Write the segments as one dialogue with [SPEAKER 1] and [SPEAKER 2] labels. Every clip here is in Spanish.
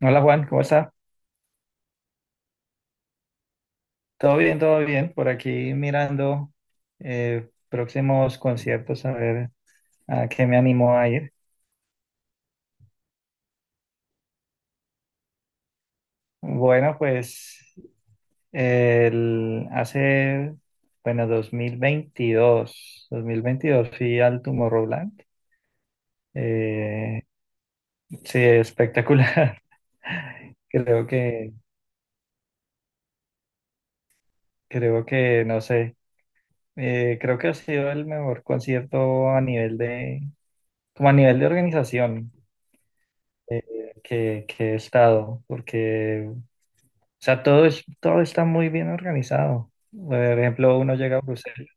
[SPEAKER 1] Hola Juan, ¿cómo está? Todo bien, todo bien. Por aquí mirando próximos conciertos a ver a qué me animo a ir. Bueno, pues el, hace, bueno, 2022 fui al Tomorrowland. Eh, sí, espectacular. Creo que, creo que, no sé, creo que ha sido el mejor concierto a nivel de, como a nivel de organización. Que he estado, porque, o sea, todo está muy bien organizado. Por ejemplo, uno llega a Bruselas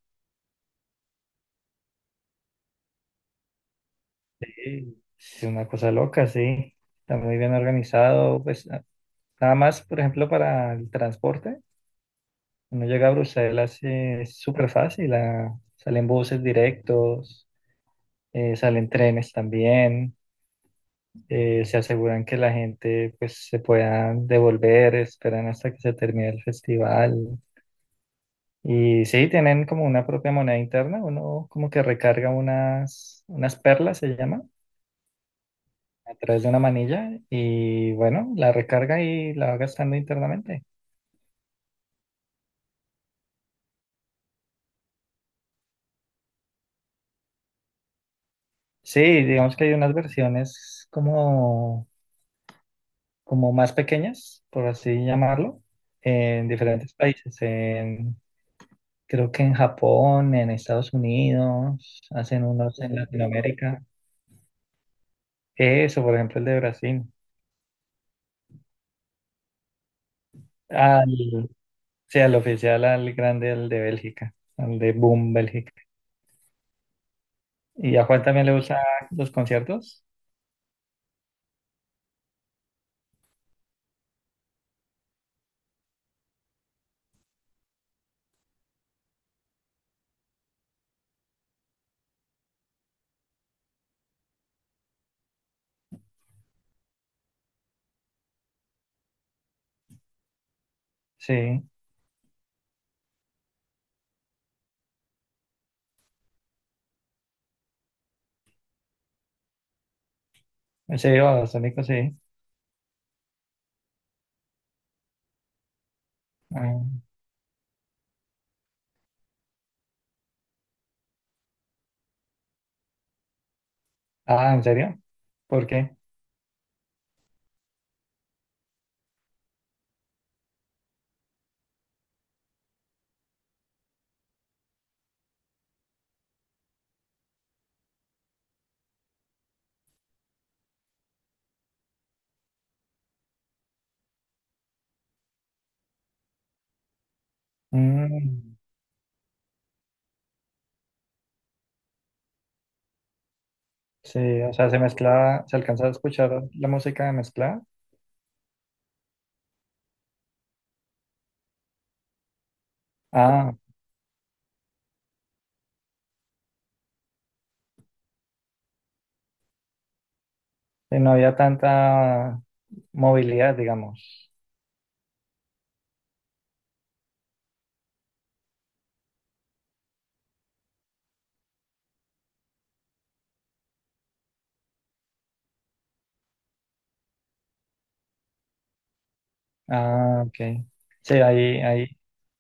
[SPEAKER 1] y es una cosa loca, sí, está muy bien organizado. Pues nada más, por ejemplo, para el transporte, uno llega a Bruselas, es súper fácil. Ah, salen buses directos, salen trenes también. Se aseguran que la gente pues se pueda devolver, esperan hasta que se termine el festival. Y sí, tienen como una propia moneda interna, uno como que recarga unas perlas, se llama, a través de una manilla y bueno, la recarga y la va gastando internamente. Sí, digamos que hay unas versiones como, como más pequeñas, por así llamarlo, en diferentes países. Creo que en Japón, en Estados Unidos, hacen unos en Latinoamérica. Eso, por ejemplo, el de Brasil. Al- Sí, al oficial, al grande, al de Bélgica, al de Boom Bélgica. ¿Y a Juan también le gustan los conciertos? Sí, sí, a los Sónicos sí. Ah, ah, ¿en serio? ¿Por qué? Mm, sí, o sea, se mezclaba, se alcanzaba a escuchar la música mezclada. Ah, sí, no había tanta movilidad, digamos. Ah, ok. Sí, ahí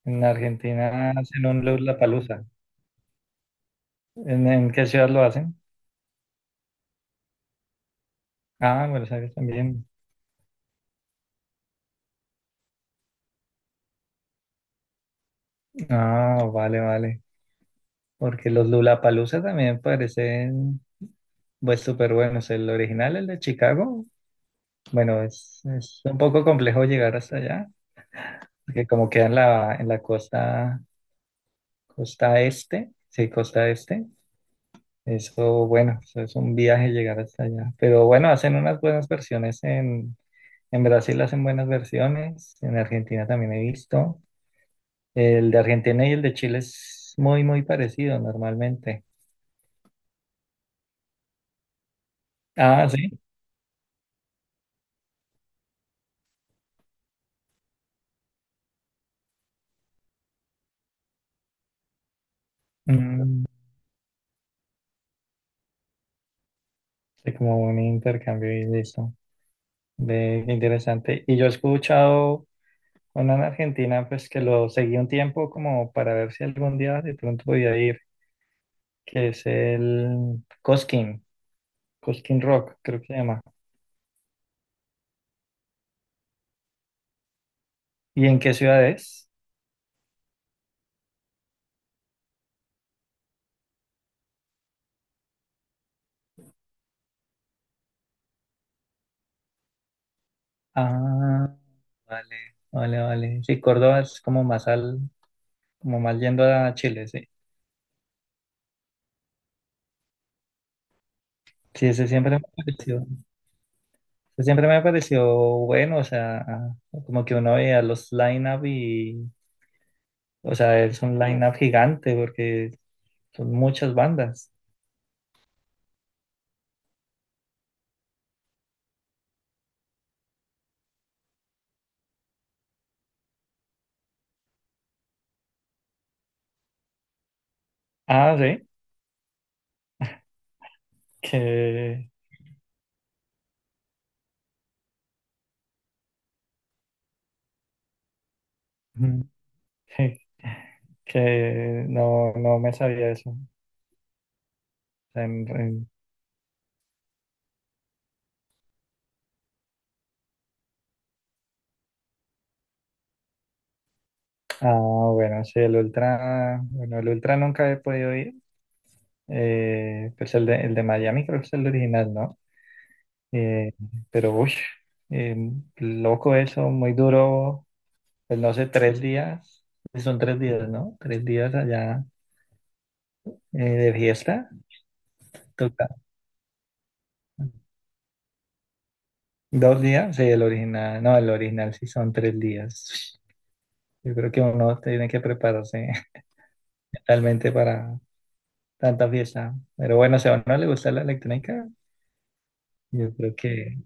[SPEAKER 1] en Argentina hacen un Lollapalooza. En qué ciudad lo hacen? Ah, en Buenos Aires también. Ah, vale, vale. Porque los Lollapalooza también parecen pues súper buenos. El original, el de Chicago, bueno, es un poco complejo llegar hasta allá, porque como queda en la costa, costa este, sí, costa este, eso, bueno, eso es un viaje llegar hasta allá. Pero bueno, hacen unas buenas versiones en Brasil, hacen buenas versiones, en Argentina también he visto. El de Argentina y el de Chile es muy, muy parecido normalmente. Ah, sí. Mm. Sí, como un intercambio y listo. Ve, qué interesante. Y yo he escuchado una en Argentina, pues que lo seguí un tiempo como para ver si algún día de pronto podía ir, que es el Cosquín, Cosquín Rock, creo que se llama. ¿Y en qué ciudad es? Ah, vale, vale, vale. Sí, Córdoba es como más al, como más yendo a Chile, sí. Sí, ese siempre me pareció, ese siempre me pareció bueno, o sea, como que uno veía los line-up y o sea, es un uf, line-up gigante porque son muchas bandas. Ah, sí, que, ujú, que no me sabía eso. En- en- ah, bueno, sí, el Ultra, bueno, el Ultra nunca he podido ir. Pues el de Miami creo que es el original, ¿no? Eh, pero, uy, eh, loco eso, muy duro. Pues no sé, tres días, son tres días, ¿no? Tres días allá, de fiesta. Toca. Dos días, sí, el original, no, el original sí son tres días. Yo creo que uno tiene que prepararse realmente para tanta fiesta. Pero bueno, si a uno le gusta la electrónica, yo creo que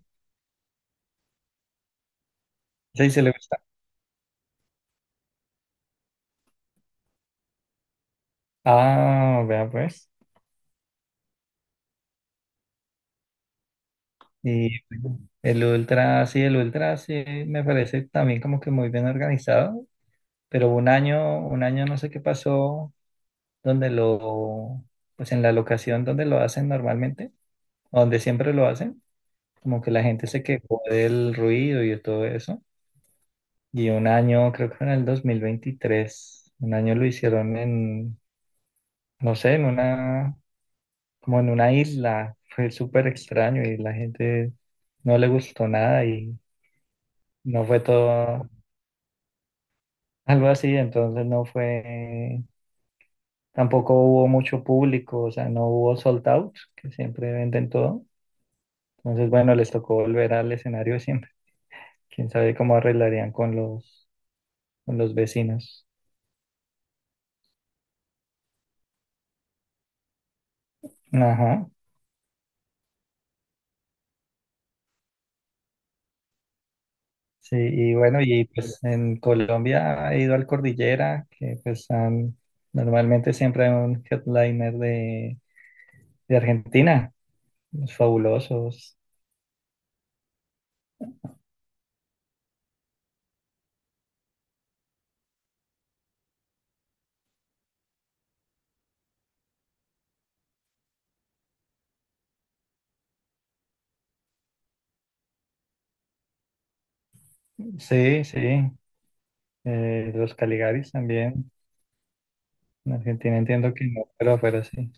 [SPEAKER 1] sí, se le gusta. Ah, vea pues. Y el Ultra sí me parece también como que muy bien organizado, pero un año no sé qué pasó, donde lo, pues en la locación donde lo hacen normalmente, donde siempre lo hacen. Como que la gente se quejó del ruido y de todo eso. Y un año, creo que fue en el 2023, un año lo hicieron en, no sé, en una, como en una isla. Fue súper extraño y la gente no le gustó nada, y no fue todo algo así. Entonces no fue, tampoco hubo mucho público, o sea, no hubo sold out, que siempre venden todo. Entonces, bueno, les tocó volver al escenario siempre. Quién sabe cómo arreglarían con los vecinos. Ajá. Sí, y bueno, y pues en Colombia he ido al Cordillera, normalmente siempre hay un headliner de Argentina, los Fabulosos. Sí, sí, los Caligaris también. En Argentina entiendo que no, pero sí.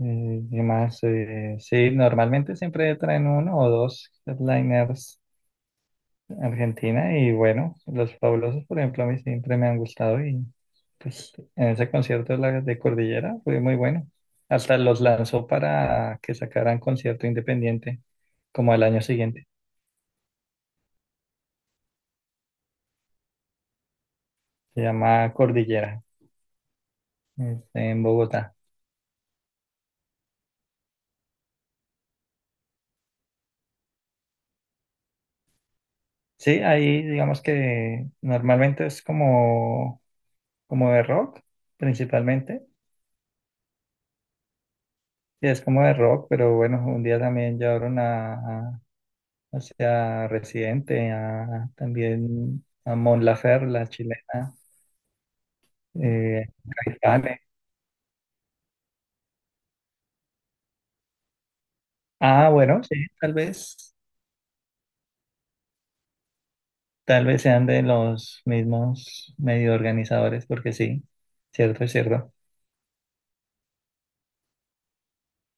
[SPEAKER 1] Y más, sí, normalmente siempre traen uno o dos headliners Argentina y bueno, los Fabulosos, por ejemplo, a mí siempre me han gustado, y pues en ese concierto de, de Cordillera fue muy bueno. Hasta los lanzó para que sacaran concierto independiente como al año siguiente. Se llama Cordillera, es en Bogotá. Sí, ahí digamos que normalmente es como, como de rock, principalmente. Sí, es como de rock, pero bueno, un día también llevaron a, hacia Residente, también a Mon Laferte, la chilena, eh, Caifanes. Ah, bueno, sí, tal vez sean de los mismos medio organizadores, porque sí, cierto, es cierto.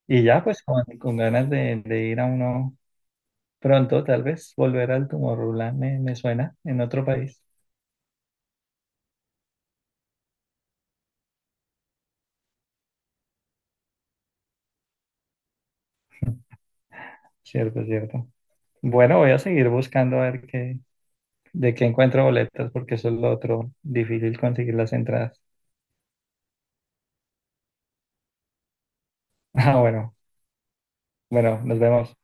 [SPEAKER 1] Y ya, pues, con ganas de ir a uno pronto, tal vez, volver al Tomorrowland me suena en otro país. Cierto, cierto. Bueno, voy a seguir buscando a ver qué, de qué encuentro boletas, porque eso es lo otro, difícil conseguir las entradas. Ah, bueno. Bueno, nos vemos.